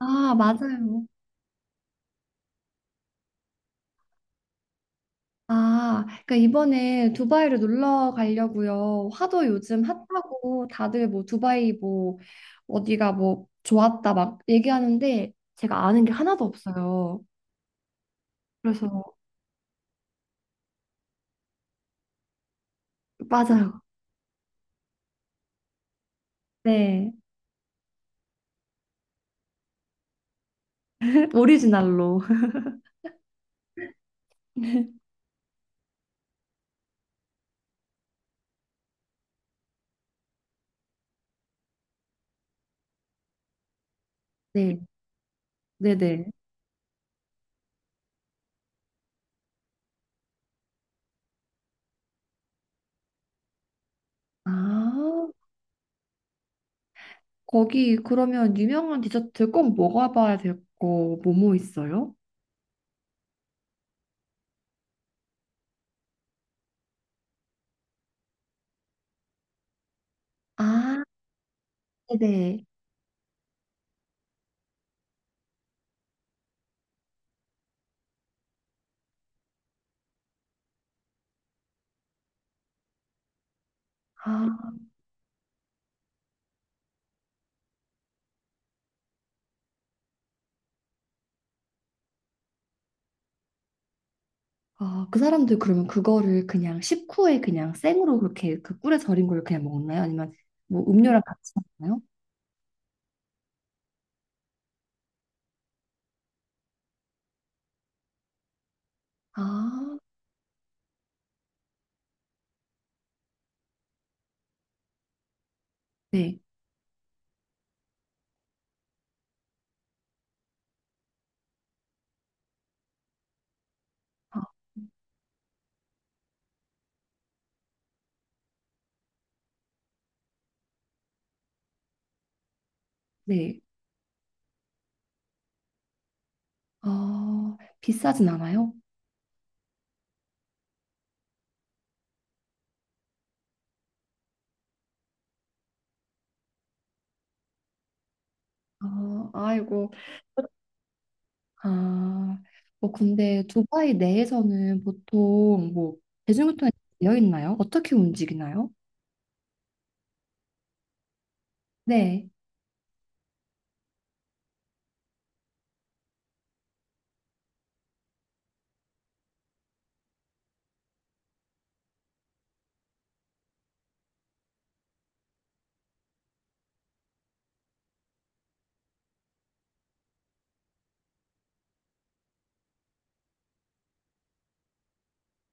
아, 맞아요. 아, 그러니까 이번에 두바이를 놀러 가려고요. 화도 요즘 핫하고 다들 뭐 두바이 뭐 어디가 뭐 좋았다 막 얘기하는데 제가 아는 게 하나도 없어요. 그래서 맞아요. 네. 오리지널로. 네. 네네. 아, 거기 그러면 유명한 디저트 꼭 먹어봐야 될 거 뭐뭐 있어요? 아, 네네. 아, 그 사람들 그러면 그거를 그냥 식후에 그냥 생으로 그렇게 그 꿀에 절인 걸 그냥 먹나요? 아니면 뭐 음료랑 같이 먹나요? 아, 네. 아, 네. 아, 비싸진 않아요? 아, 아이고. 아, 뭐 근데 두바이 내에서는 보통 뭐 대중교통이 되어 있나요? 어떻게 움직이나요? 네.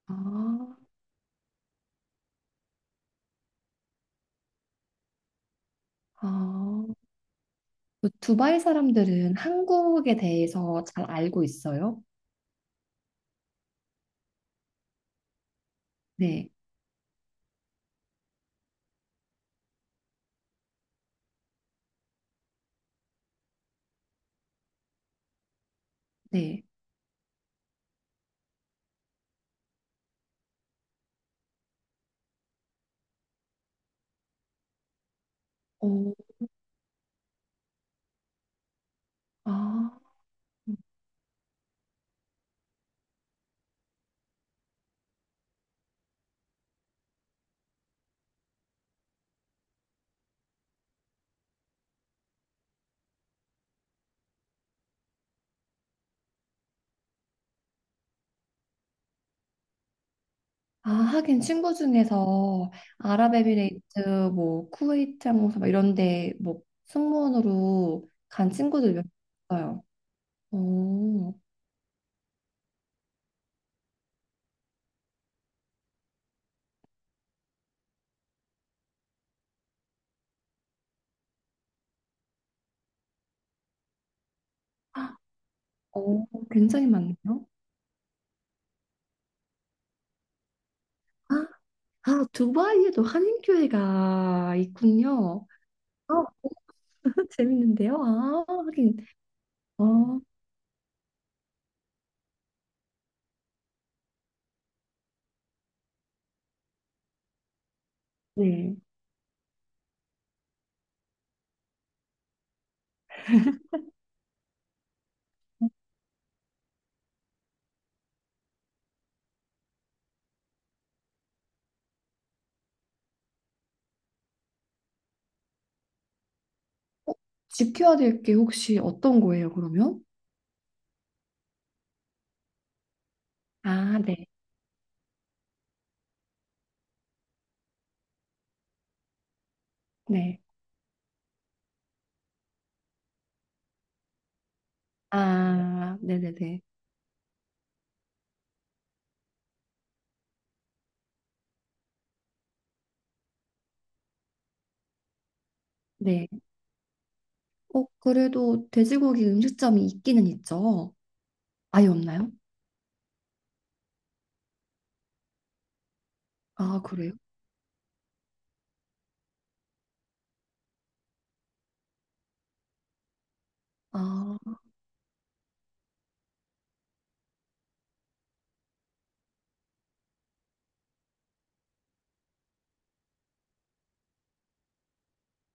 아, 아. 그 두바이 사람들은 한국에 대해서 잘 알고 있어요? 네. 네. 오, 아. 아, 하긴 친구 중에서 아랍에미레이트, 뭐 쿠웨이트 항공사 막 이런 데뭐 승무원으로 간 친구들 몇 있어요. 오, 오, 굉장히 많네요. 아, 아, 두바이에도 한인교회가 있군요. 어, 재밌는데요. 아, 하긴. 어, 네. 어, 지켜야 될 게 혹시 어떤 거예요, 그러면? 아, 네. 네. 아, 네네네. 네. 어, 그래도 돼지고기 음식점이 있기는 있죠. 아예 없나요? 아, 그래요? 아,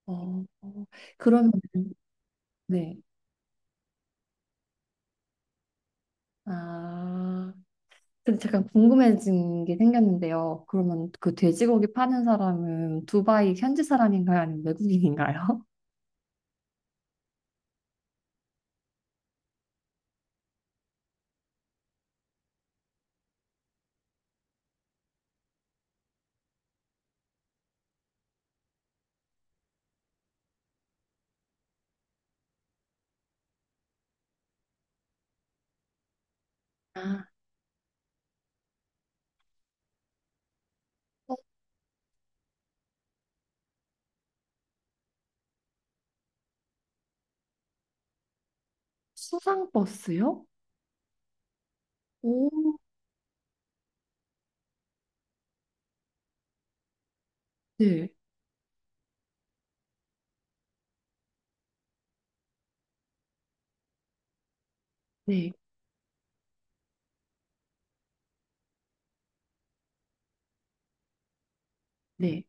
어. 그러면, 네. 아, 근데 잠깐 궁금해진 게 생겼는데요. 그러면 그 돼지고기 파는 사람은 두바이 현지 사람인가요? 아니면 외국인인가요? 아, 어, 수상 버스요? 오, 네, 네, 네.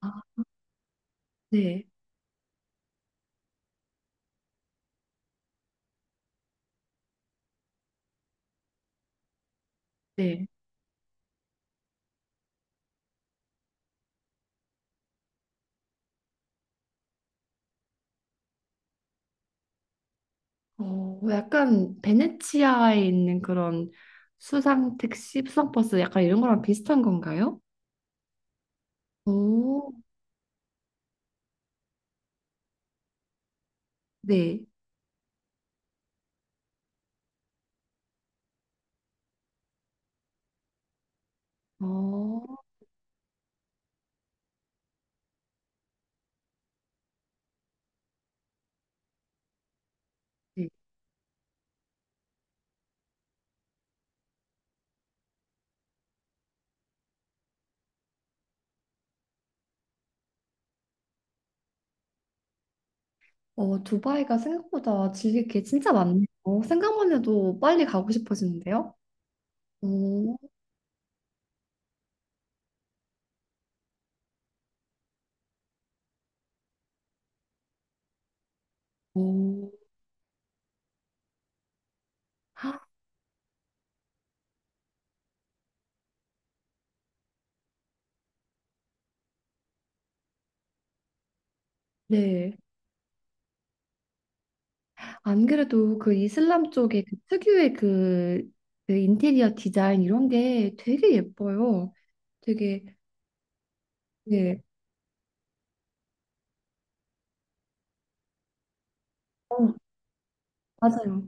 아, 네, 네. 어, 약간 베네치아에 있는 그런 수상 택시, 수상 버스 약간 이런 거랑 비슷한 건가요? 오, 네. 어, 네. 어, 두바이가 생각보다 즐길 게 진짜 많네요. 어, 생각만 해도 빨리 가고 싶어지는데요? 오, 오. 헉, 네. 안 그래도 그 이슬람 쪽에 그 특유의 그, 그 인테리어 디자인 이런 게 되게 예뻐요. 되게, 네. 어, 맞아요.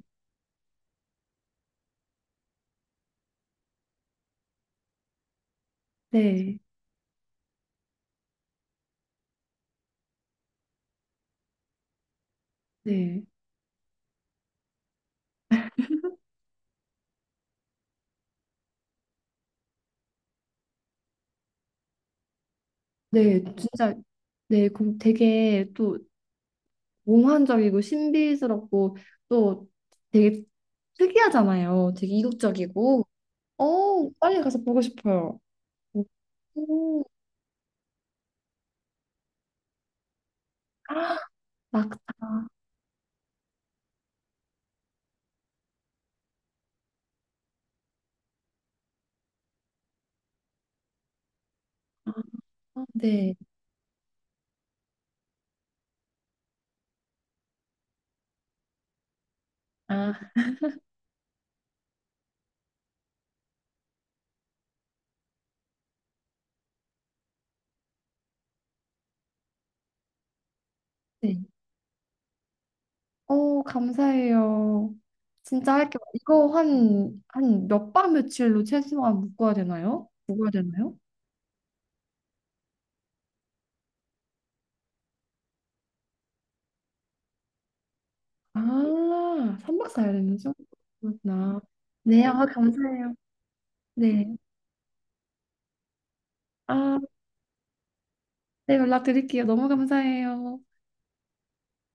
네. 네. 네, 진짜. 네, 그 되게 또 몽환적이고 신비스럽고 또 되게 특이하잖아요. 되게 이국적이고. 어, 빨리 가서 보고 싶어요. 오, 아, 막타. 아, 네. 아, 네. 어, 감사해요. 진짜 할게요. 이거 한 몇 밤 며칠로 최소한 묶어야 되나요? 묶어야 되나요? 아, 3박 4일이면서? 그렇구나. 네, 아, 감사해요. 네. 아. 네, 연락드릴게요. 너무 감사해요.